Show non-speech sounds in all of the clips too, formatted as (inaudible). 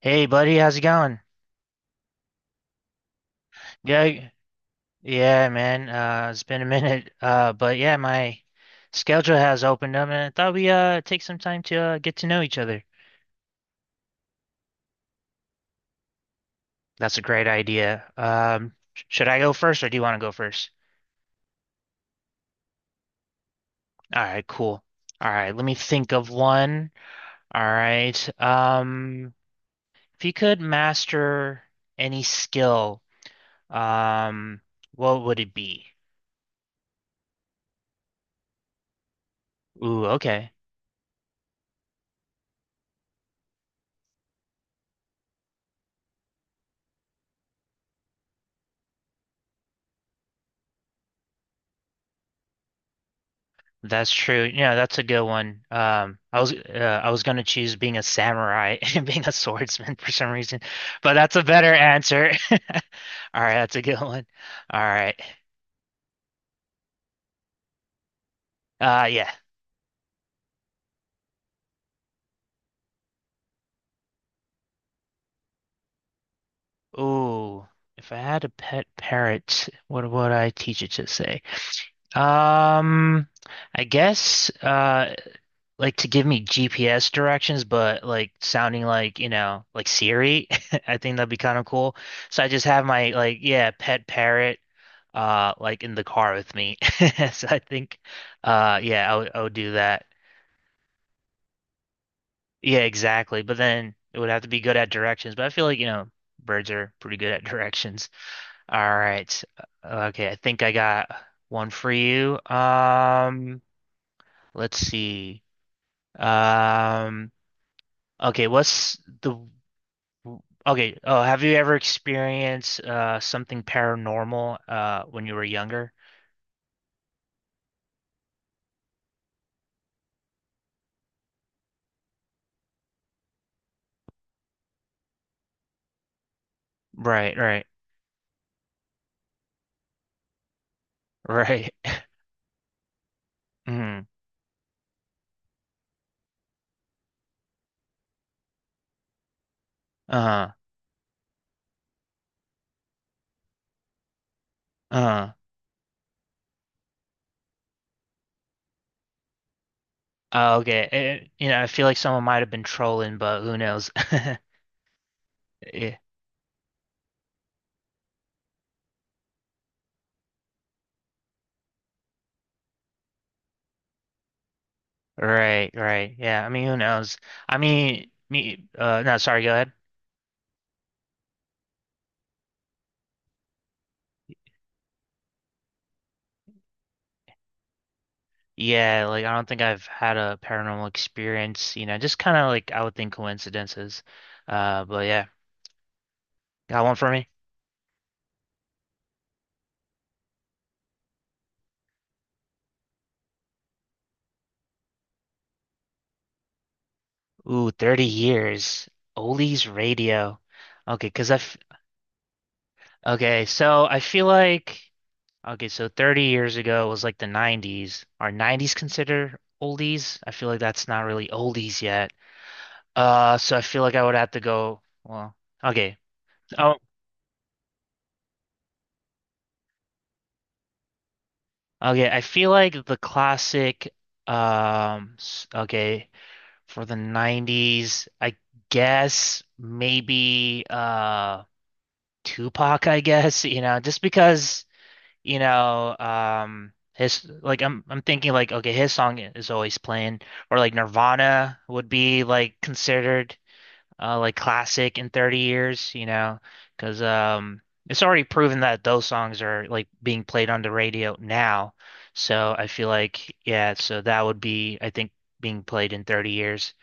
Hey buddy, how's it going? Yeah, yeah, man. It's been a minute. But yeah, my schedule has opened up, and I thought we take some time to get to know each other. That's a great idea. Should I go first, or do you want to go first? All right, cool. All right, let me think of one. All right. If you could master any skill, um, what would it be? Ooh, okay. That's true. Yeah, that's a good one. I was gonna choose being a samurai (laughs) and being a swordsman for some reason, but that's a better answer. (laughs) All right, that's a good one. All right. Yeah. Ooh, if I had a pet parrot, what would I teach it to say? Um, I guess. Uh, like to give me GPS directions, but like sounding like, you know, like Siri. (laughs) I think that'd be kind of cool. So I just have my like, yeah, pet parrot like in the car with me. (laughs) So I think yeah, I would do that. Yeah, exactly. But then it would have to be good at directions, but I feel like, you know, birds are pretty good at (laughs) directions. All right. Okay, I think I got one for you. Let's see. Um, okay, what's the Okay, have you ever experienced something paranormal when you were younger? Right, right, right. (laughs) Mm, uh, uh, okay. You know, I feel like someone might have been trolling, but who knows? (laughs) Yeah, right, right. Yeah, I mean, who knows? I mean, me. No, sorry. Go ahead. Yeah, like I don't think I've had a paranormal experience. You know, just kind of like I would think coincidences. But yeah, got one for me. Ooh, 30 years. Ollie's radio. Okay, cause I f okay, so I feel like okay, so 30 years ago was like the 90s. Are 90s considered oldies? I feel like that's not really oldies yet. So I feel like I would have to go, well, okay. Oh, okay, I feel like okay, for the 90s, I guess maybe Tupac, I guess, (laughs) you know, just because you know, his like I'm thinking like okay, his song is always playing or like Nirvana would be like considered like classic in 30 years, you know, because um it's already proven that those songs are like being played on the radio now. So I feel like yeah, so that would be I think being played in 30 years.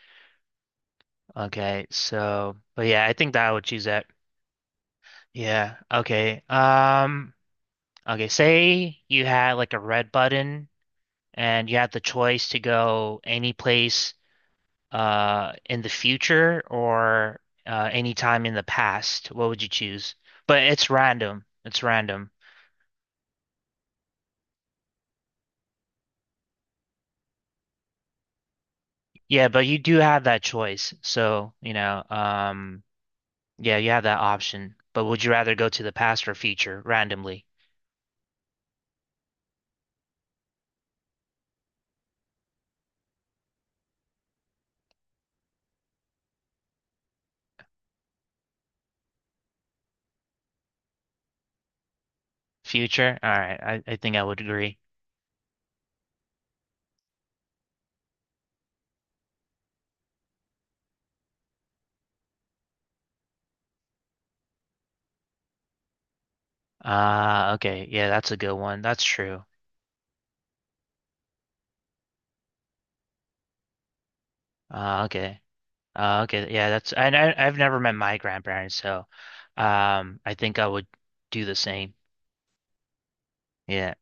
Okay. So but yeah, I think that I would choose that. Yeah. Okay. Um, okay, say you had like a red button and you have the choice to go any place in the future or any time in the past, what would you choose? But it's random. It's random. Yeah, but you do have that choice. So, you know, yeah, you have that option. But would you rather go to the past or future randomly? Future? All right. I think I would agree. Uh, okay. Yeah, that's a good one. That's true. Uh, okay. Okay, yeah, that's and I've never met my grandparents, so I think I would do the same. Yeah.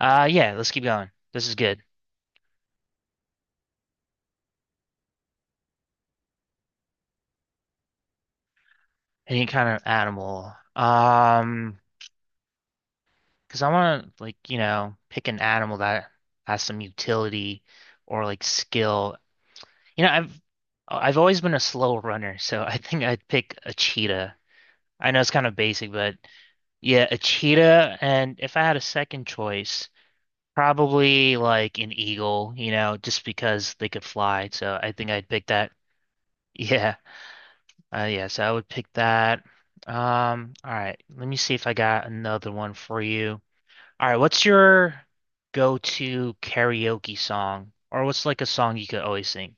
Yeah. Let's keep going. This is good. Any kind of animal. Because I want to like you know pick an animal that has some utility or like skill. You know, I've always been a slow runner, so I think I'd pick a cheetah. I know it's kind of basic, but yeah, a cheetah. And if I had a second choice. Probably like an eagle, you know, just because they could fly. So I think I'd pick that. (laughs) Yeah. Yeah. So I would pick that. All right. Let me see if I got another one for you. All right. What's your go-to karaoke song? Or what's like a song you could always sing?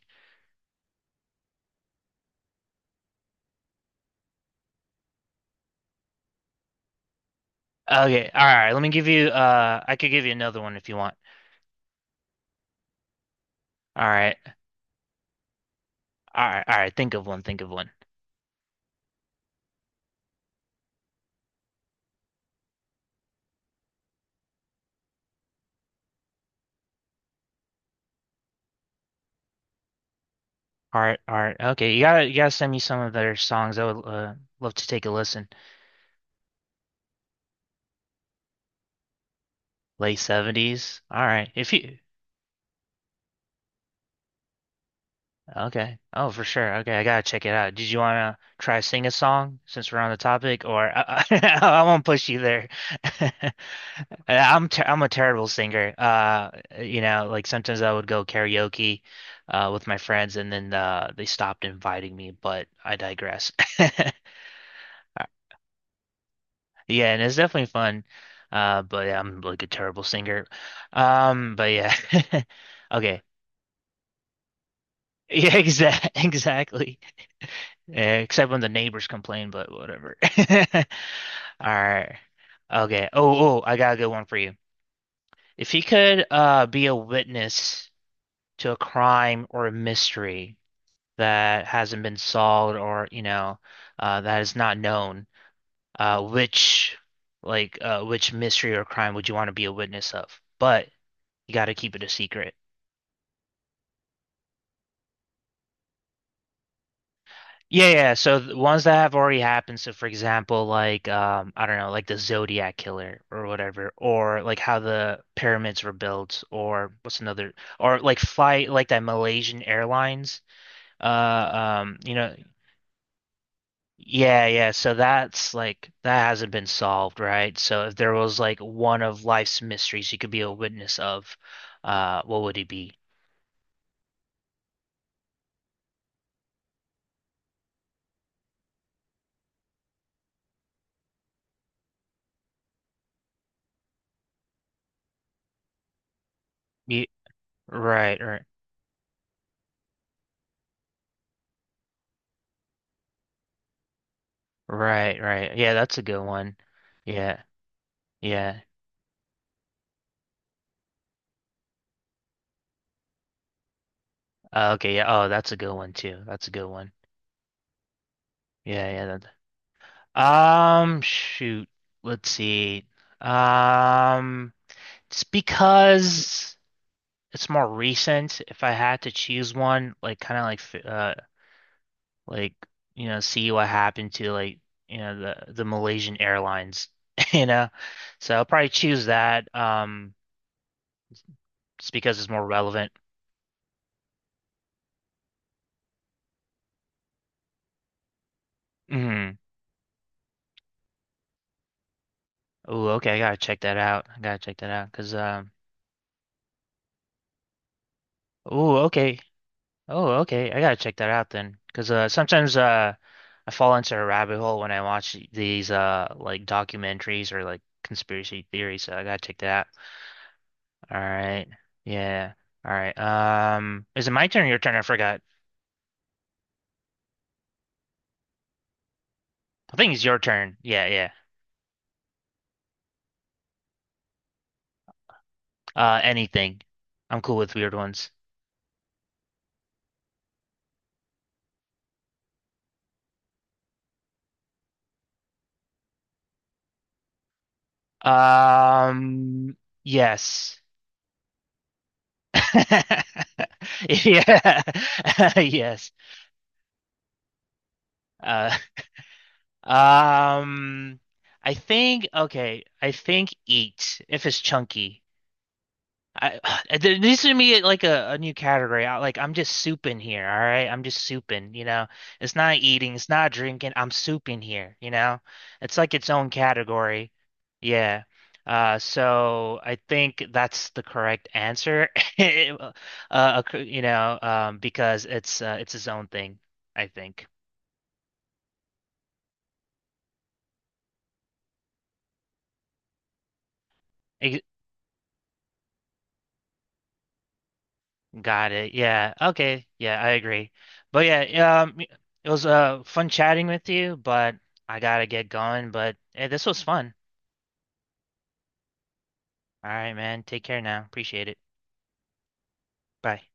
Okay. All right. Let me give you, I could give you another one if you want. All right. All right. All right. Think of one. Think of one. All right. All right. Okay. You gotta send me some of their songs. I would, love to take a listen. Late 70s. All right. If you okay. Oh, for sure. Okay, I gotta check it out. Did you wanna try sing a song since we're on the topic, or (laughs) I won't push you there. (laughs) I'm a terrible singer. You know, like sometimes I would go karaoke, with my friends, and then they stopped inviting me. But I digress. (laughs) Yeah, and it's definitely fun. But yeah, I'm like a terrible singer. But yeah. (laughs) Okay. Yeah, exact (laughs) Exactly. Yeah, except when the neighbors complain, but whatever. (laughs) All right. Okay. Oh, oh, I got a good one for you. If you could be a witness to a crime or a mystery that hasn't been solved or, you know, that is not known, uh which which mystery or crime would you want to be a witness of? But you got to keep it a secret. Yeah, yeah. So the ones that have already happened. So for example, like I don't know, like the Zodiac Killer or whatever, or like how the pyramids were built, or like fly like that Malaysian Airlines. Uh, you know, yeah, yeah. So that's like that hasn't been solved, right? So if there was like one of life's mysteries, you could be a witness of, what would it be? You, right, right, right, right. Yeah, that's a good one. Yeah, yeah. Okay, yeah. Oh, that's a good one too. That's a good one. Yeah, yeah. That, shoot. Let's see. Um, it's because it's more recent. If I had to choose one, like you know, see what happened to like you know the Malaysian Airlines, (laughs) you know. So I'll probably choose that. Just because it's more relevant. Mm. Oh, okay. I gotta check that out. I gotta check that out because. Oh, okay. Oh, okay. I gotta check that out then, because sometimes I fall into a rabbit hole when I watch these like documentaries or like conspiracy theories. So I gotta check that out. All right. Yeah. All right. Is it my turn or your turn? I forgot. I think it's your turn. Yeah, yeah. Anything. I'm cool with weird ones. Um, yes. (laughs) Yeah. (laughs) Yes. Uh, (laughs) Um, I think okay. I think eat if it's chunky. I (sighs) there needs to be like a new category. Like I'm just souping here. All right, I'm just souping. You know, it's not eating. It's not drinking. I'm souping here. You know, it's like its own category. Yeah. So I think that's the correct answer. (laughs) You know, because it's its own thing, I think. Got it. Yeah. Okay. Yeah, I agree. But yeah, it was fun chatting with you, but I gotta get going. But hey, this was fun. All right, man. Take care now. Appreciate it. Bye.